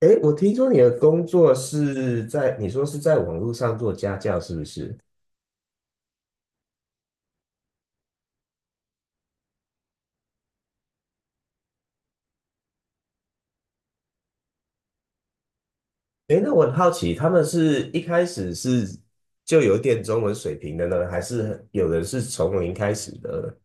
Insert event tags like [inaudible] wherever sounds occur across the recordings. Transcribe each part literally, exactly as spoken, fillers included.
哎，我听说你的工作是在，你说是在网络上做家教，是不是？哎，那我很好奇，他们是一开始是就有点中文水平的呢，还是有人是从零开始的？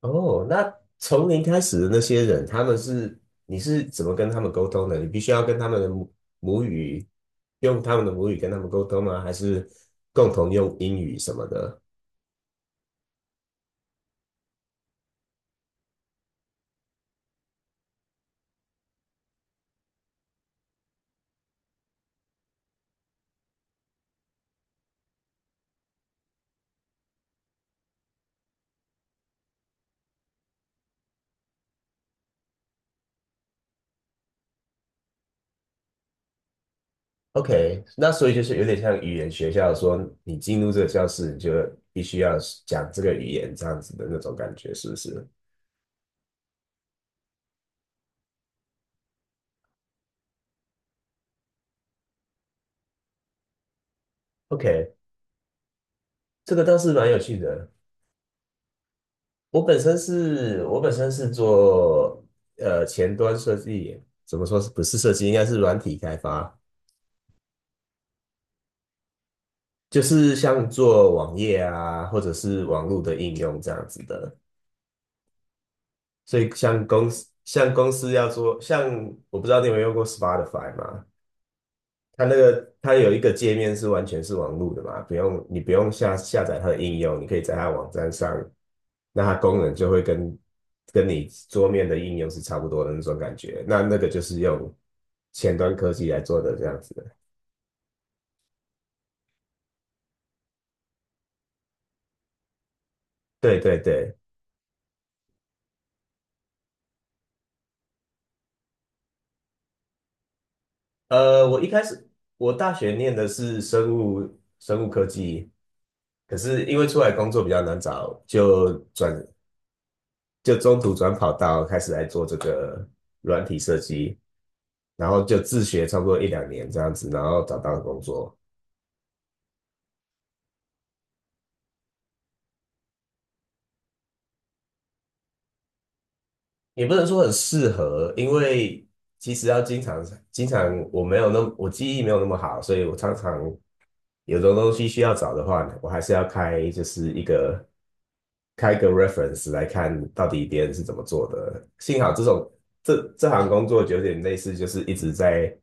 哦，那从零开始的那些人，他们是，你是怎么跟他们沟通的？你必须要跟他们的母母语，用他们的母语跟他们沟通吗？还是共同用英语什么的？OK，那所以就是有点像语言学校，说你进入这个教室，你就必须要讲这个语言这样子的那种感觉，是不是？OK，这个倒是蛮有趣的。我本身是，我本身是做呃前端设计，怎么说是不是设计，应该是软体开发，就是像做网页啊，或者是网络的应用这样子的。所以像公司，像公司要做，像我不知道你有没有用过 Spotify 嘛？它那个它有一个界面是完全是网路的嘛，不用你不用下下载它的应用，你可以在它网站上，那它功能就会跟跟你桌面的应用是差不多的那种感觉。那那个就是用前端科技来做的这样子的。对对对，呃，我一开始我大学念的是生物生物科技，可是因为出来工作比较难找，就转就中途转跑道开始来做这个软体设计，然后就自学差不多一两年这样子，然后找到工作，也不能说很适合，因为其实要经常经常我没有那么我记忆没有那么好，所以我常常有的东西需要找的话呢我还是要开就是一个开个 reference 来看到底别人是怎么做的。幸好这种这这行工作有点类似，就是一直在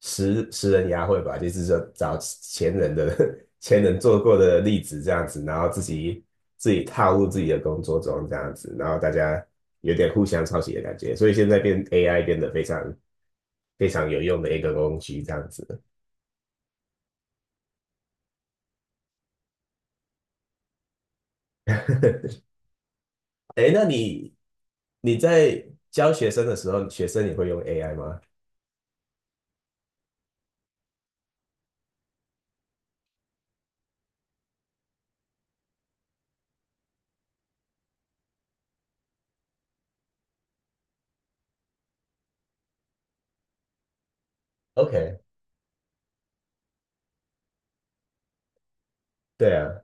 食食人牙慧吧，就是说找前人的 [laughs] 前人做过的例子这样子，然后自己自己套入自己的工作中这样子，然后大家有点互相抄袭的感觉，所以现在变 A I 变得非常非常有用的一个工具这样子。[laughs] 哎那你你在教学生的时候，学生也会用 A I 吗？OK，对啊。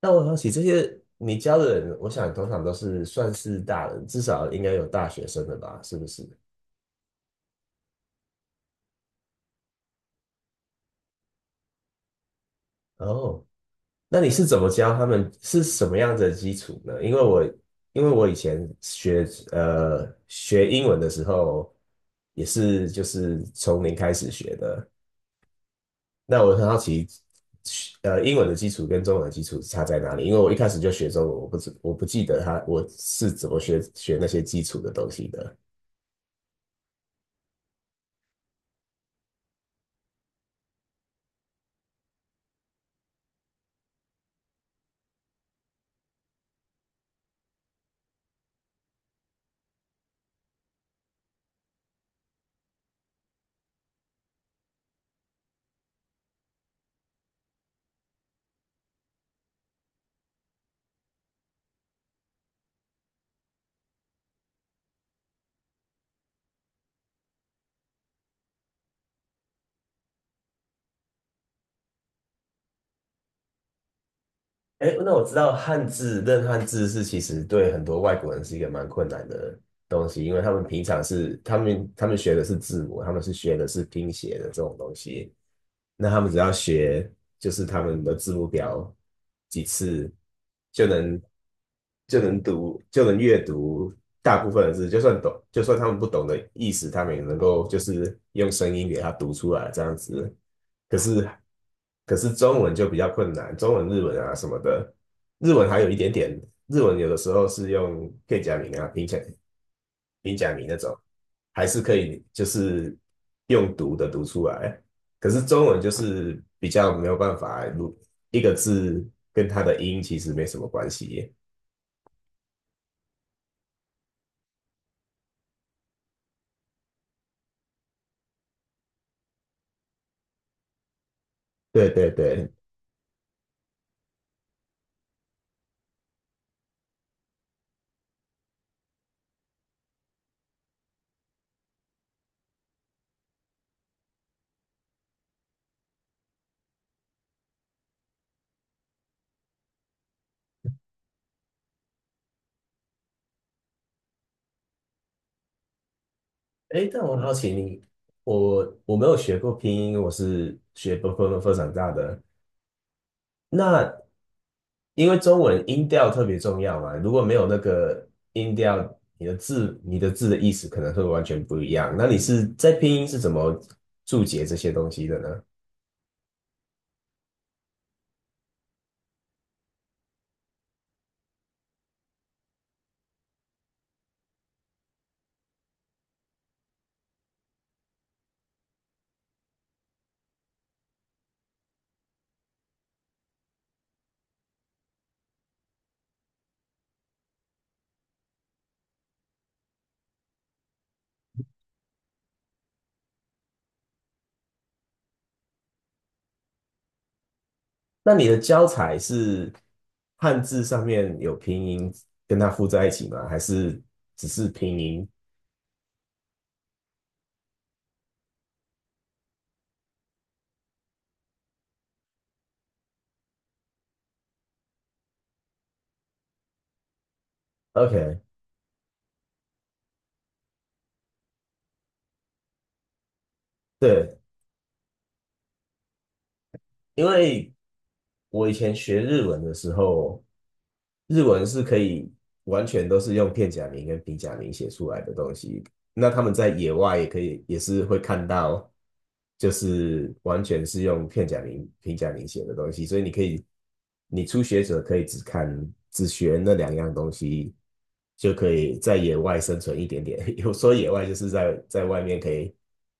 那我好起这些你教的人，我想通常都是算是大人，至少应该有大学生的吧？是不是？哦那你是怎么教他们？是什么样子的基础呢？因为我因为我以前学呃学英文的时候，也是就是从零开始学的。那我很好奇，呃，英文的基础跟中文的基础差在哪里？因为我一开始就学中文，我不知我不记得他我是怎么学学那些基础的东西的。哎，那我知道汉字认汉字是其实对很多外国人是一个蛮困难的东西，因为他们平常是他们他们学的是字母，他们是学的是拼写的这种东西，那他们只要学就是他们的字母表几次就能就能读就能阅读大部分的字，就算懂就算他们不懂的意思，他们也能够就是用声音给它读出来这样子。可是可是中文就比较困难，中文、日文啊什么的，日文还有一点点，日文有的时候是用片假名啊、平假平假名那种，还是可以就是用读的读出来。可是中文就是比较没有办法，如一个字跟它的音其实没什么关系。对对对，哎，但我好奇你，我我没有学过拼音，我是学分分分长大的。那因为中文音调特别重要嘛，如果没有那个音调，你的字你的字的意思可能会完全不一样。那你是在拼音是怎么注解这些东西的呢？那你的教材是汉字上面有拼音跟它附在一起吗？还是只是拼音？OK，对，因为我以前学日文的时候，日文是可以完全都是用片假名跟平假名写出来的东西。那他们在野外也可以，也是会看到，就是完全是用片假名、平假名写的东西。所以你可以，你初学者可以只看、只学那两样东西，就可以在野外生存一点点。[laughs] 有说野外就是在在外面可以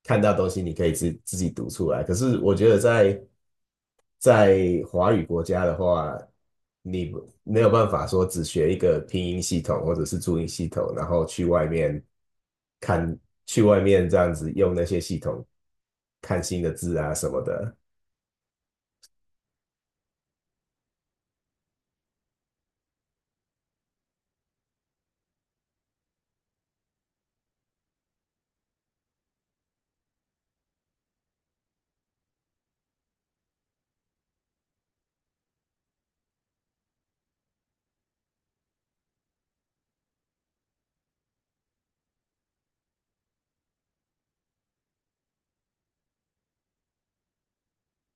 看到东西，你可以自自己读出来。可是我觉得在在华语国家的话，你没有办法说只学一个拼音系统或者是注音系统，然后去外面看，去外面这样子用那些系统看新的字啊什么的。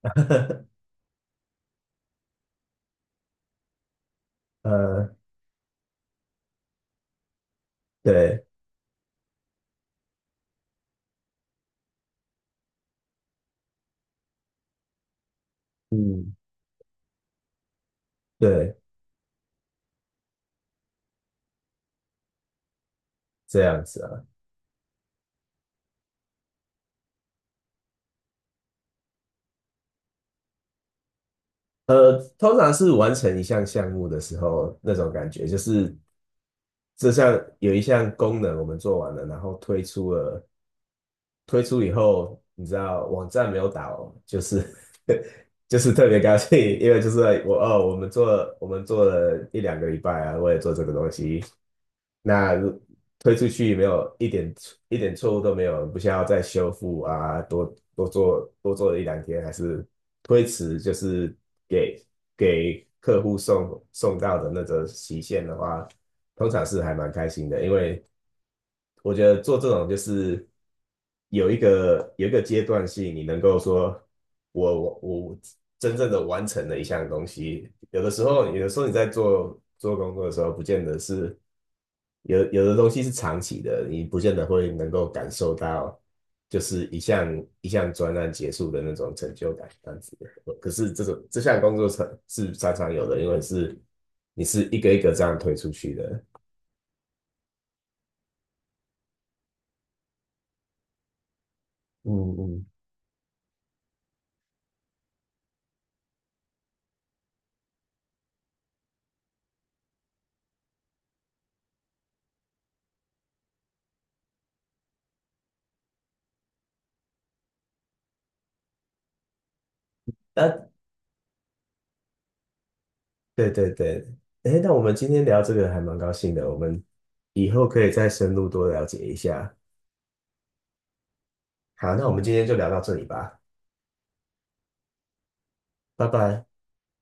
[laughs] 呃，对，嗯，对，这样子啊。呃，通常是完成一项项目的时候，那种感觉就是这项有一项功能我们做完了，然后推出了推出以后，你知道网站没有倒，就是 [laughs] 就是特别高兴，因为就是我哦，我们做了我们做了一两个礼拜啊，我也做这个东西，那如推出去没有一点一点错误都没有，不需要再修复啊，多多做多做了一两天，还是推迟，就是给给客户送送到的那个期限的话，通常是还蛮开心的，因为我觉得做这种就是有一个有一个阶段性，你能够说我我我真正的完成了一项东西。有的时候，有的时候你在做做工作的时候，不见得是有有的东西是长期的，你不见得会能够感受到就是一项一项专案结束的那种成就感这样子。的。可是这种这项工作是是常常有的，因为是你是一个一个这样推出去的。嗯嗯。那对对对，哎，那我们今天聊这个还蛮高兴的，我们以后可以再深入多了解一下。好，那我们今天就聊到这里吧，拜拜。